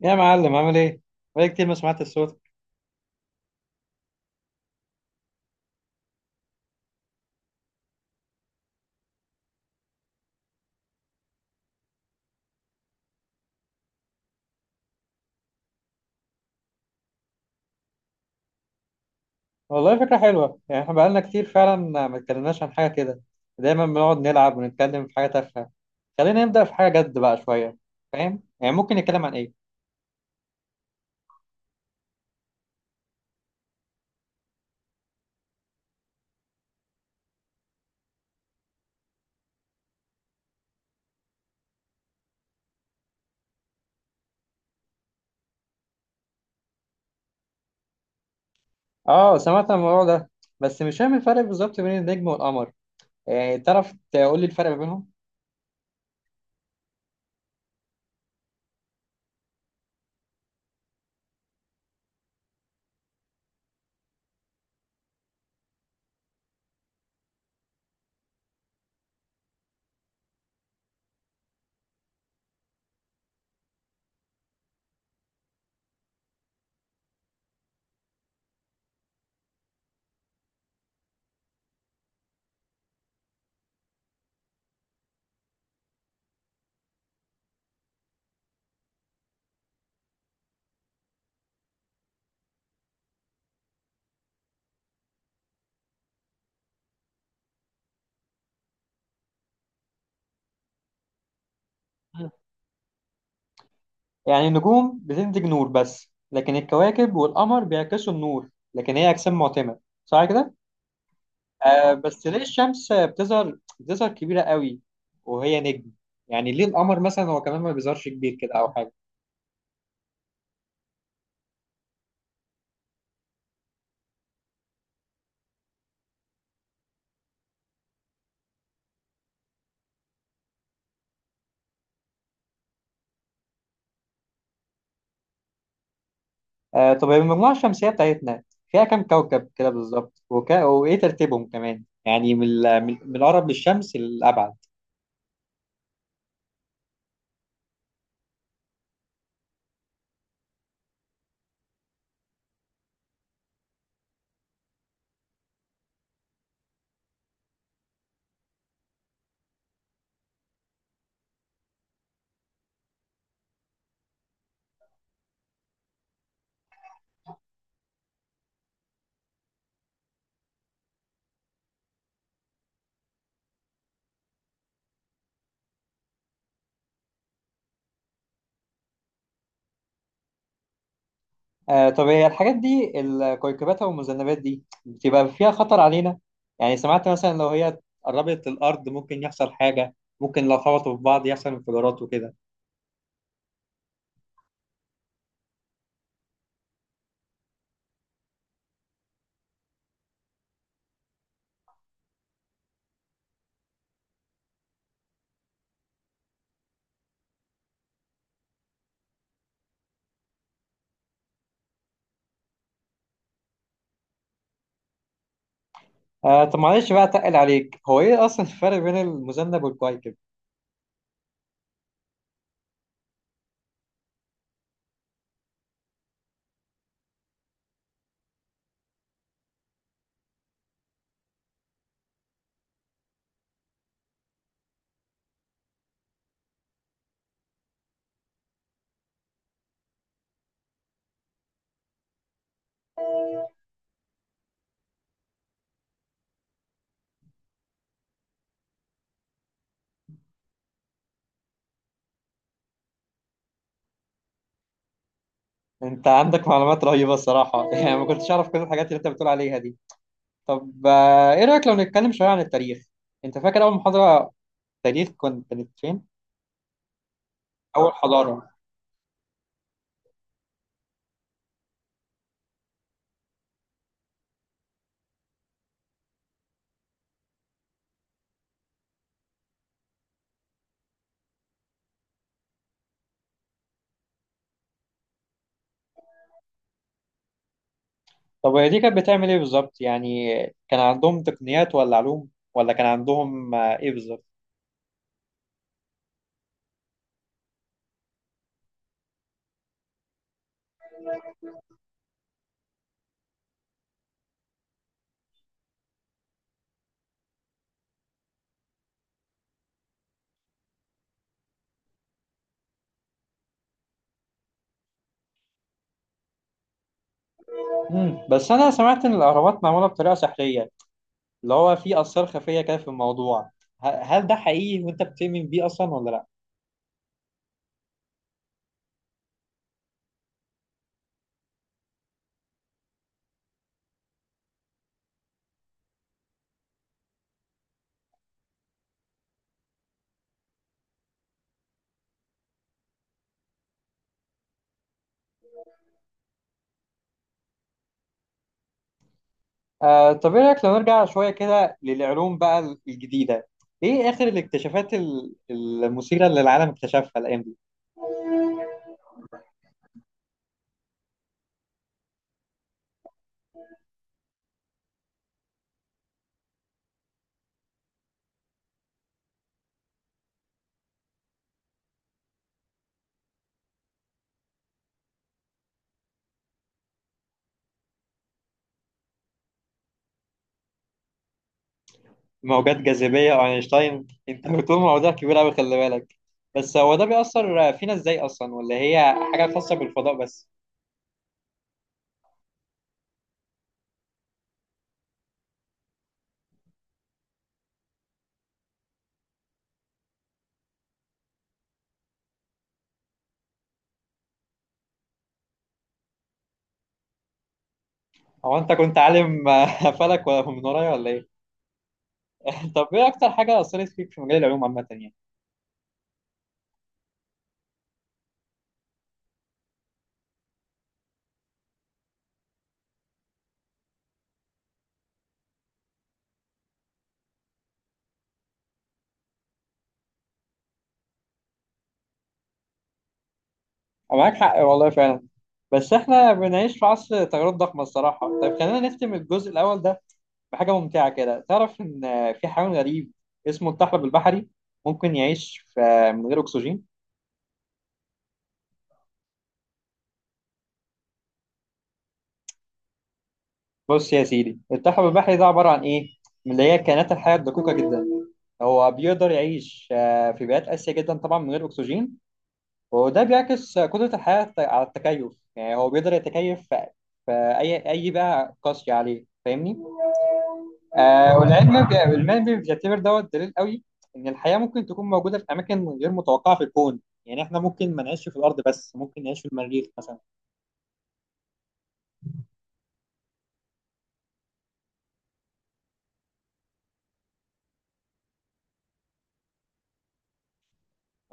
يا معلم عامل ايه؟ بقالي كتير ما سمعت الصوت. والله فكرة حلوة، يعني احنا بقالنا كتير فعلا ما اتكلمناش عن حاجة كده. دايما بنقعد نلعب ونتكلم في حاجة تافهة. خلينا نبدأ في حاجة جد بقى شوية. فاهم؟ يعني ممكن نتكلم عن ايه؟ اه، سمعت عن الموضوع ده، بس مش فاهم الفرق بالظبط بين النجم والقمر. يعني تعرف تقول لي الفرق ما بينهم؟ مم. يعني النجوم بتنتج نور بس، لكن الكواكب والقمر بيعكسوا النور، لكن هي أجسام معتمة. صح كده؟ آه، بس ليه الشمس بتظهر كبيرة قوي وهي نجم؟ يعني ليه القمر مثلا هو كمان ما بيظهرش كبير كده أو حاجة؟ آه، طب المجموعة الشمسية بتاعتنا فيها كام كوكب كده بالظبط، وإيه ترتيبهم كمان؟ يعني من ال- من من الأقرب للشمس للأبعد. آه، طب هي الحاجات دي، الكويكبات أو المذنبات دي، بتبقى فيها خطر علينا؟ يعني سمعت مثلا لو هي قربت الأرض ممكن يحصل حاجة، ممكن لو خبطوا في بعض يحصل انفجارات وكده. آه، طب معلش بقى اتقل عليك، هو ايه اصلا الفرق بين المذنب والكويكب؟ انت عندك معلومات رهيبة الصراحة يعني ما كنتش اعرف كل الحاجات اللي انت بتقول عليها دي. طب آه، ايه رأيك لو نتكلم شوية عن التاريخ؟ انت فاكر اول محاضرة تاريخ كنت كانت فين؟ اول حضارة. طب هي دي كانت بتعمل ايه بالظبط؟ يعني كان عندهم تقنيات ولا علوم ولا كان عندهم آه، ايه بالظبط؟ مم، بس انا سمعت ان الاهرامات معمولة بطريقة سحرية، اللي هو في اسرار خفية كده في الموضوع. هل ده حقيقي وانت بتؤمن بيه اصلا، ولا لا؟ طب ايه رايك لو نرجع شويه كده للعلوم بقى الجديده؟ ايه اخر الاكتشافات المثيره اللي العالم اكتشفها الايام دي؟ موجات جاذبيه واينشتاين! انت بتقول مواضيع كبيره قوي، خلي بالك. بس هو ده بيأثر فينا ازاي اصلا، ولا هي حاجه خاصه بالفضاء بس؟ هو انت كنت عالم فلك ولا من ورايا ولا ايه؟ طب ايه اكتر حاجه اثرت فيك في مجال العلوم عامه يعني؟ معاك حق والله فعلا، بس احنا بنعيش في عصر تغيرات ضخمه الصراحه. طيب خلينا نختم الجزء الاول ده بحاجة ممتعة كده. تعرف إن في حيوان غريب اسمه الطحلب البحري ممكن يعيش في من غير أكسجين؟ بص يا سيدي، الطحلب البحري ده عبارة عن إيه؟ من اللي هي كائنات الحياة الدقيقة جدا. هو بيقدر يعيش في بيئات قاسية جدا طبعا من غير أكسجين، وده بيعكس قدرة الحياة على التكيف. يعني هو بيقدر يتكيف في أي بيئة قاسية عليه، فاهمني؟ آه، والعلم بي- العلم بي- بيعتبر دوت دليل قوي ان الحياه ممكن تكون موجوده في اماكن غير متوقعه في الكون. يعني احنا ممكن ما نعيش في الارض بس، ممكن نعيش في المريخ مثلا.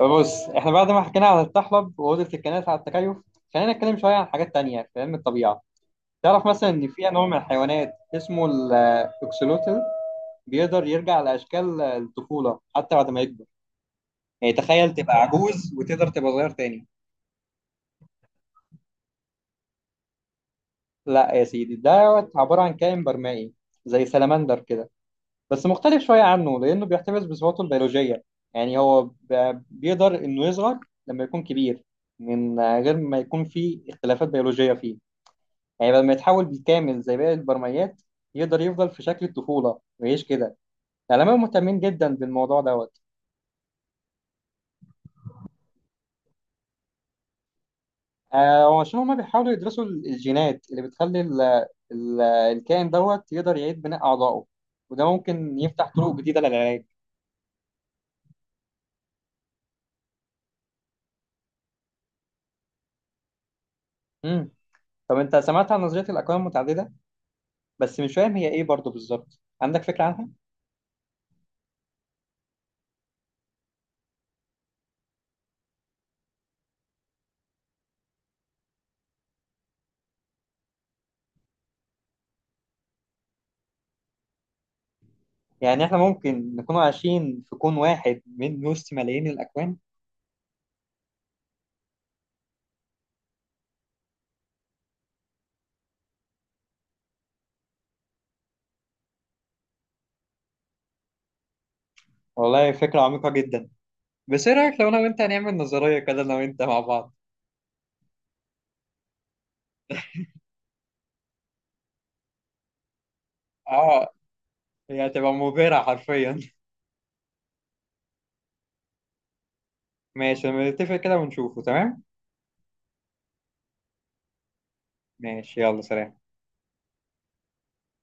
بص، احنا بعد ما حكينا على الطحلب واوضه الكائنات على التكيف، خلينا نتكلم شويه عن حاجات تانية في علم الطبيعه. تعرف مثلا ان في نوع من الحيوانات اسمه الاكسلوتل بيقدر يرجع لاشكال الطفوله حتى بعد ما يكبر؟ يعني تخيل تبقى عجوز وتقدر تبقى صغير تاني. لا يا سيدي، ده عباره عن كائن برمائي زي سلمندر كده، بس مختلف شوية عنه لأنه بيحتفظ بصفاته البيولوجية. يعني هو بيقدر إنه يصغر لما يكون كبير من غير ما يكون فيه اختلافات بيولوجية فيه. يعني بدل ما يتحول بالكامل زي باقي البرميات، يقدر يفضل في شكل الطفولة ويعيش كده. العلماء مهتمين جدا بالموضوع دوت. آه، وعشان هما بيحاولوا يدرسوا الجينات اللي بتخلي ال الكائن دوت يقدر يعيد بناء أعضائه، وده ممكن يفتح طرق جديدة للعلاج. مم. طب أنت سمعت عن نظرية الأكوان المتعددة؟ بس مش فاهم هي ايه برضه بالظبط، عندك فكرة عنها؟ يعني احنا ممكن نكون عايشين في كون واحد من وسط ملايين الأكوان. والله فكرة عميقة جدا. بس ايه رأيك لو انا وانت هنعمل نظرية كده انا وانت مع بعض؟ اه، هي هتبقى مبهرة حرفيا ماشي، لما نتفق كده ونشوفه، تمام؟ ماشي، يلا سلام.